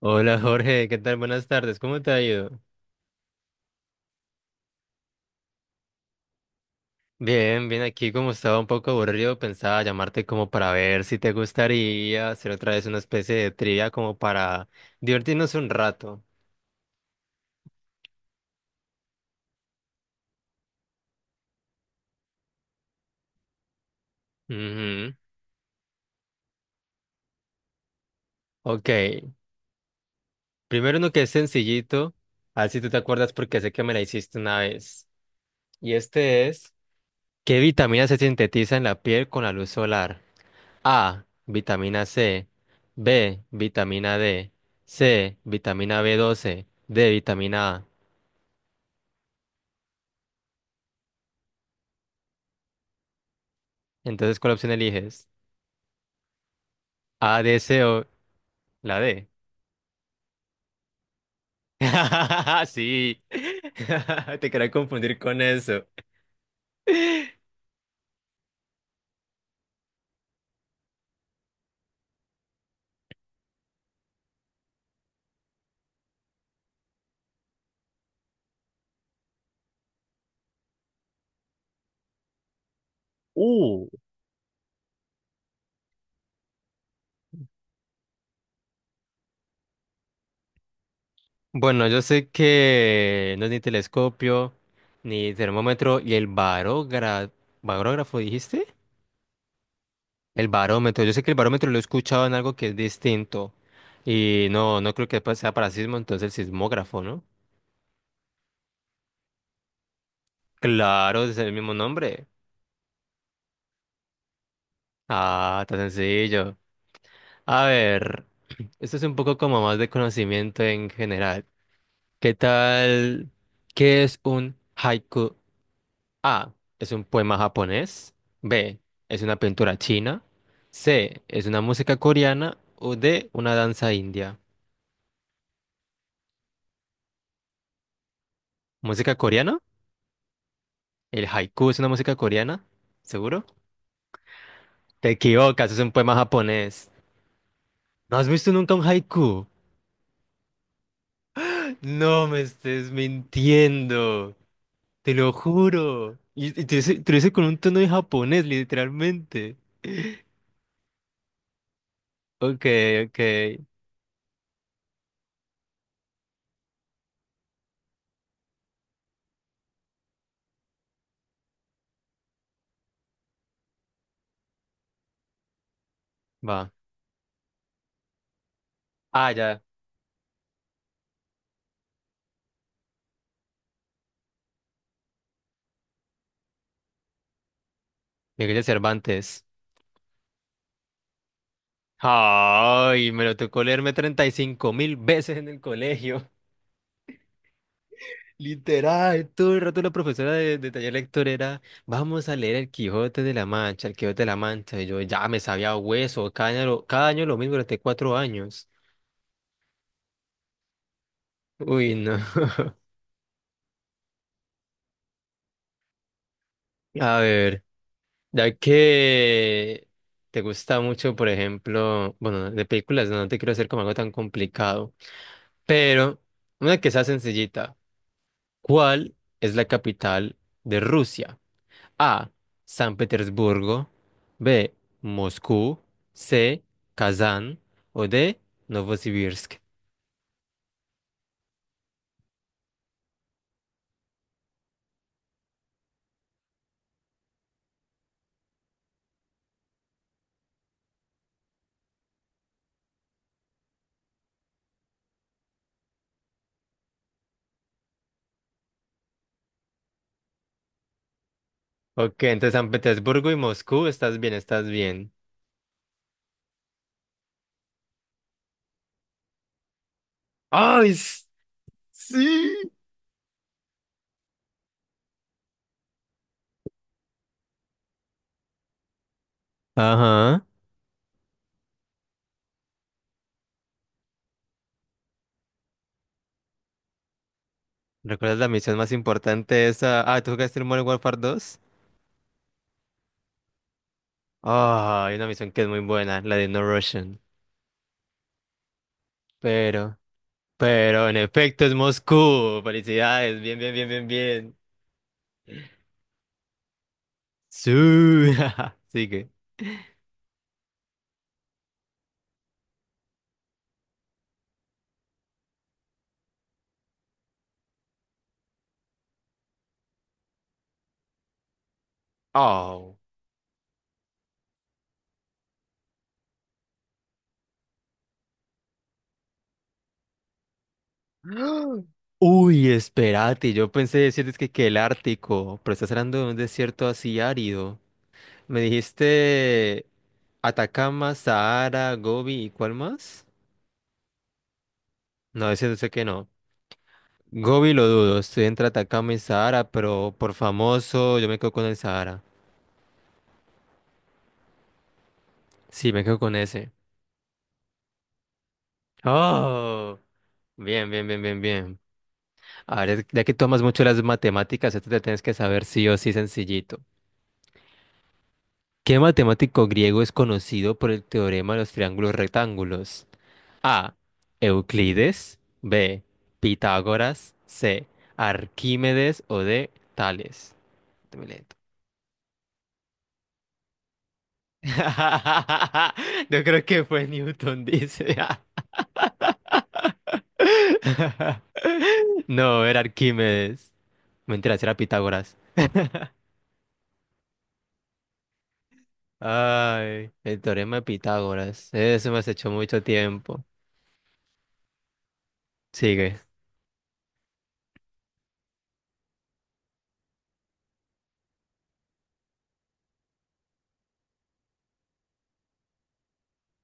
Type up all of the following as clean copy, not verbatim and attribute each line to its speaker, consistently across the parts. Speaker 1: Hola Jorge, ¿qué tal? Buenas tardes, ¿cómo te ha ido? Bien, bien, aquí como estaba un poco aburrido, pensaba llamarte como para ver si te gustaría hacer otra vez una especie de trivia como para divertirnos un rato. Ujú. Ok, primero uno que es sencillito, a ver si tú te acuerdas porque sé que me la hiciste una vez. Y este es, ¿qué vitamina se sintetiza en la piel con la luz solar? A, vitamina C, B, vitamina D, C, vitamina b doce. D, vitamina A. Entonces, ¿cuál opción eliges? A, D, C o la D. Sí. Te quería confundir con eso. Uh. Bueno, yo sé que no es ni telescopio, ni termómetro, y el barógrafo, ¿barógrafo dijiste? El barómetro. Yo sé que el barómetro lo he escuchado en algo que es distinto. Y no, no creo que sea para sismo, entonces el sismógrafo, ¿no? Claro, es el mismo nombre. Ah, tan sencillo. A ver, esto es un poco como más de conocimiento en general. ¿Qué tal? ¿Qué es un haiku? A. Es un poema japonés. B. Es una pintura china. C. Es una música coreana. O D. Una danza india. ¿Música coreana? ¿El haiku es una música coreana? ¿Seguro? Te equivocas, es un poema japonés. ¿No has visto nunca un haiku? No me estés mintiendo. Te lo juro. Y te, dice te lo hice con un tono de japonés, literalmente. Ok, ok. Va. Ah, ya. Miguel de Cervantes. Ay, me lo tocó leerme 35 mil veces en el colegio. Literal, todo el rato la profesora de taller lector era, vamos a leer el Quijote de la Mancha, el Quijote de la Mancha. Y yo ya me sabía hueso, cada año, cada año lo mismo durante cuatro años. Uy, no. A ver. Ya que te gusta mucho, por ejemplo, bueno, de películas, no te quiero hacer como algo tan complicado, pero una que sea sencillita. ¿Cuál es la capital de Rusia? A. San Petersburgo. B. Moscú. C. Kazán. O D. Novosibirsk. Ok, entre San Petersburgo y Moscú, estás bien, estás bien. ¡Ay! Sí. Ajá. ¿Recuerdas la misión más importante esa? Ah, ¿tú jugaste el Modern Warfare 2? Ah, hay una misión que es muy buena, la de No Russian. Pero, pero en efecto es Moscú. Felicidades, bien, bien, bien, bien, bien. Sí, sigue. Oh. Uy, espérate, yo pensé decirte que el Ártico, pero estás hablando de un desierto así árido. Me dijiste Atacama, Sahara, Gobi, ¿y cuál más? No, ese no sé qué no. Gobi lo dudo, estoy entre Atacama y Sahara, pero por famoso yo me quedo con el Sahara. Sí, me quedo con ese. Oh, bien, bien, bien, bien, bien. A ver, ya que tomas mucho las matemáticas, esto te tienes que saber sí o sí sencillito. ¿Qué matemático griego es conocido por el teorema de los triángulos rectángulos? A. Euclides. B. Pitágoras. C. Arquímedes o D. Tales. Dame lento. Yo creo que fue Newton, dice. No, era Arquímedes. Mentira, era Pitágoras. Ay, el teorema de Pitágoras. Eso me has hecho mucho tiempo. Sigue.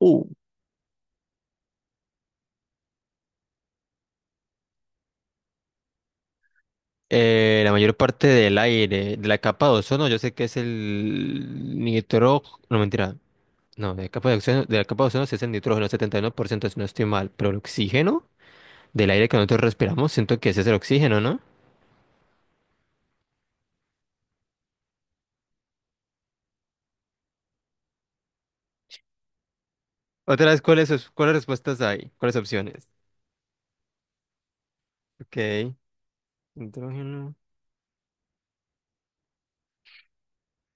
Speaker 1: Uh, la mayor parte del aire, de la capa de ozono, yo sé que es el nitrógeno. No, mentira. No, de la capa de ozono, de la capa de ozono sí es el nitrógeno, 71%, si no estoy mal. Pero el oxígeno del aire que nosotros respiramos, siento que ese es el oxígeno, ¿no? Otra vez, ¿cuáles respuestas hay? ¿Cuáles opciones? Ok. Nitrógeno.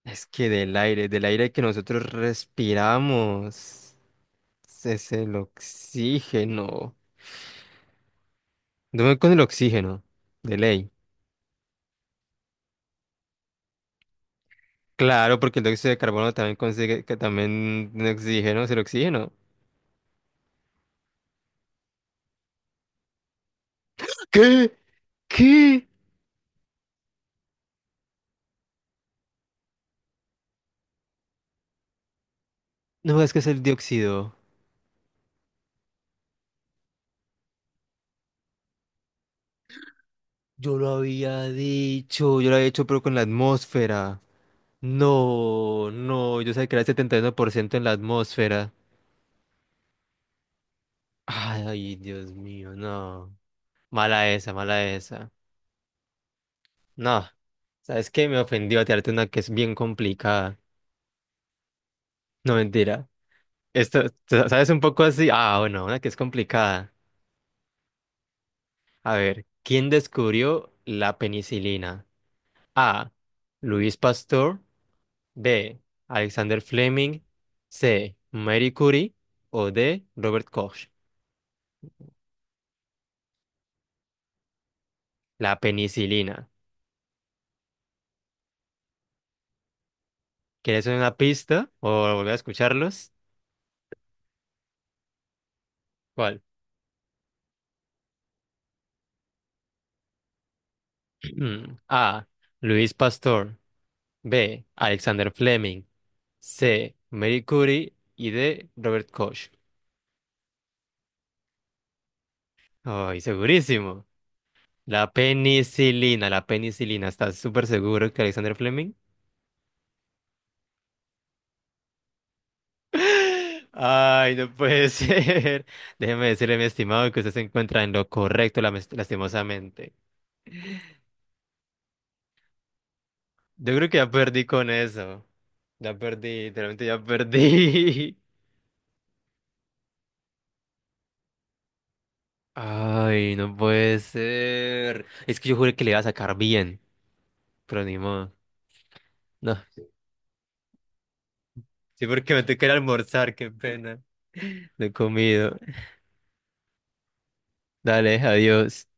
Speaker 1: Es que del aire que nosotros respiramos, es el oxígeno. Dame con el oxígeno, de ley. Claro, porque el dióxido de carbono también consigue que también tiene oxígeno, es el oxígeno. ¿Qué? ¿Qué? No, es que es el dióxido. Yo lo había dicho, yo lo había dicho, pero con la atmósfera. No, no, yo sabía que era el 71% en la atmósfera. Ay, Dios mío, no. Mala esa, mala esa. No, ¿sabes qué? Me ofendió tirarte una que es bien complicada. No, mentira. Esto, ¿sabes un poco así? Ah, bueno, una que es complicada. A ver, ¿quién descubrió la penicilina? A. Luis Pasteur. B. Alexander Fleming. C. Marie Curie. O D. Robert Koch. La penicilina. ¿Quieres una pista o volver a escucharlos? ¿Cuál? A. Luis Pasteur. B. Alexander Fleming. C. Marie Curie. Y D. Robert Koch. Ay, segurísimo. La penicilina, la penicilina. ¿Estás súper seguro que Alexander Fleming? Ay, no puede ser. Déjeme decirle, mi estimado, que usted se encuentra en lo correcto, lastimosamente. Yo creo que ya perdí con eso. Ya perdí, literalmente ya perdí. Ay, no puede ser. Es que yo juré que le iba a sacar bien, pero ni modo. No, sí, porque me tengo que ir a almorzar, qué pena. No he comido. Dale, adiós.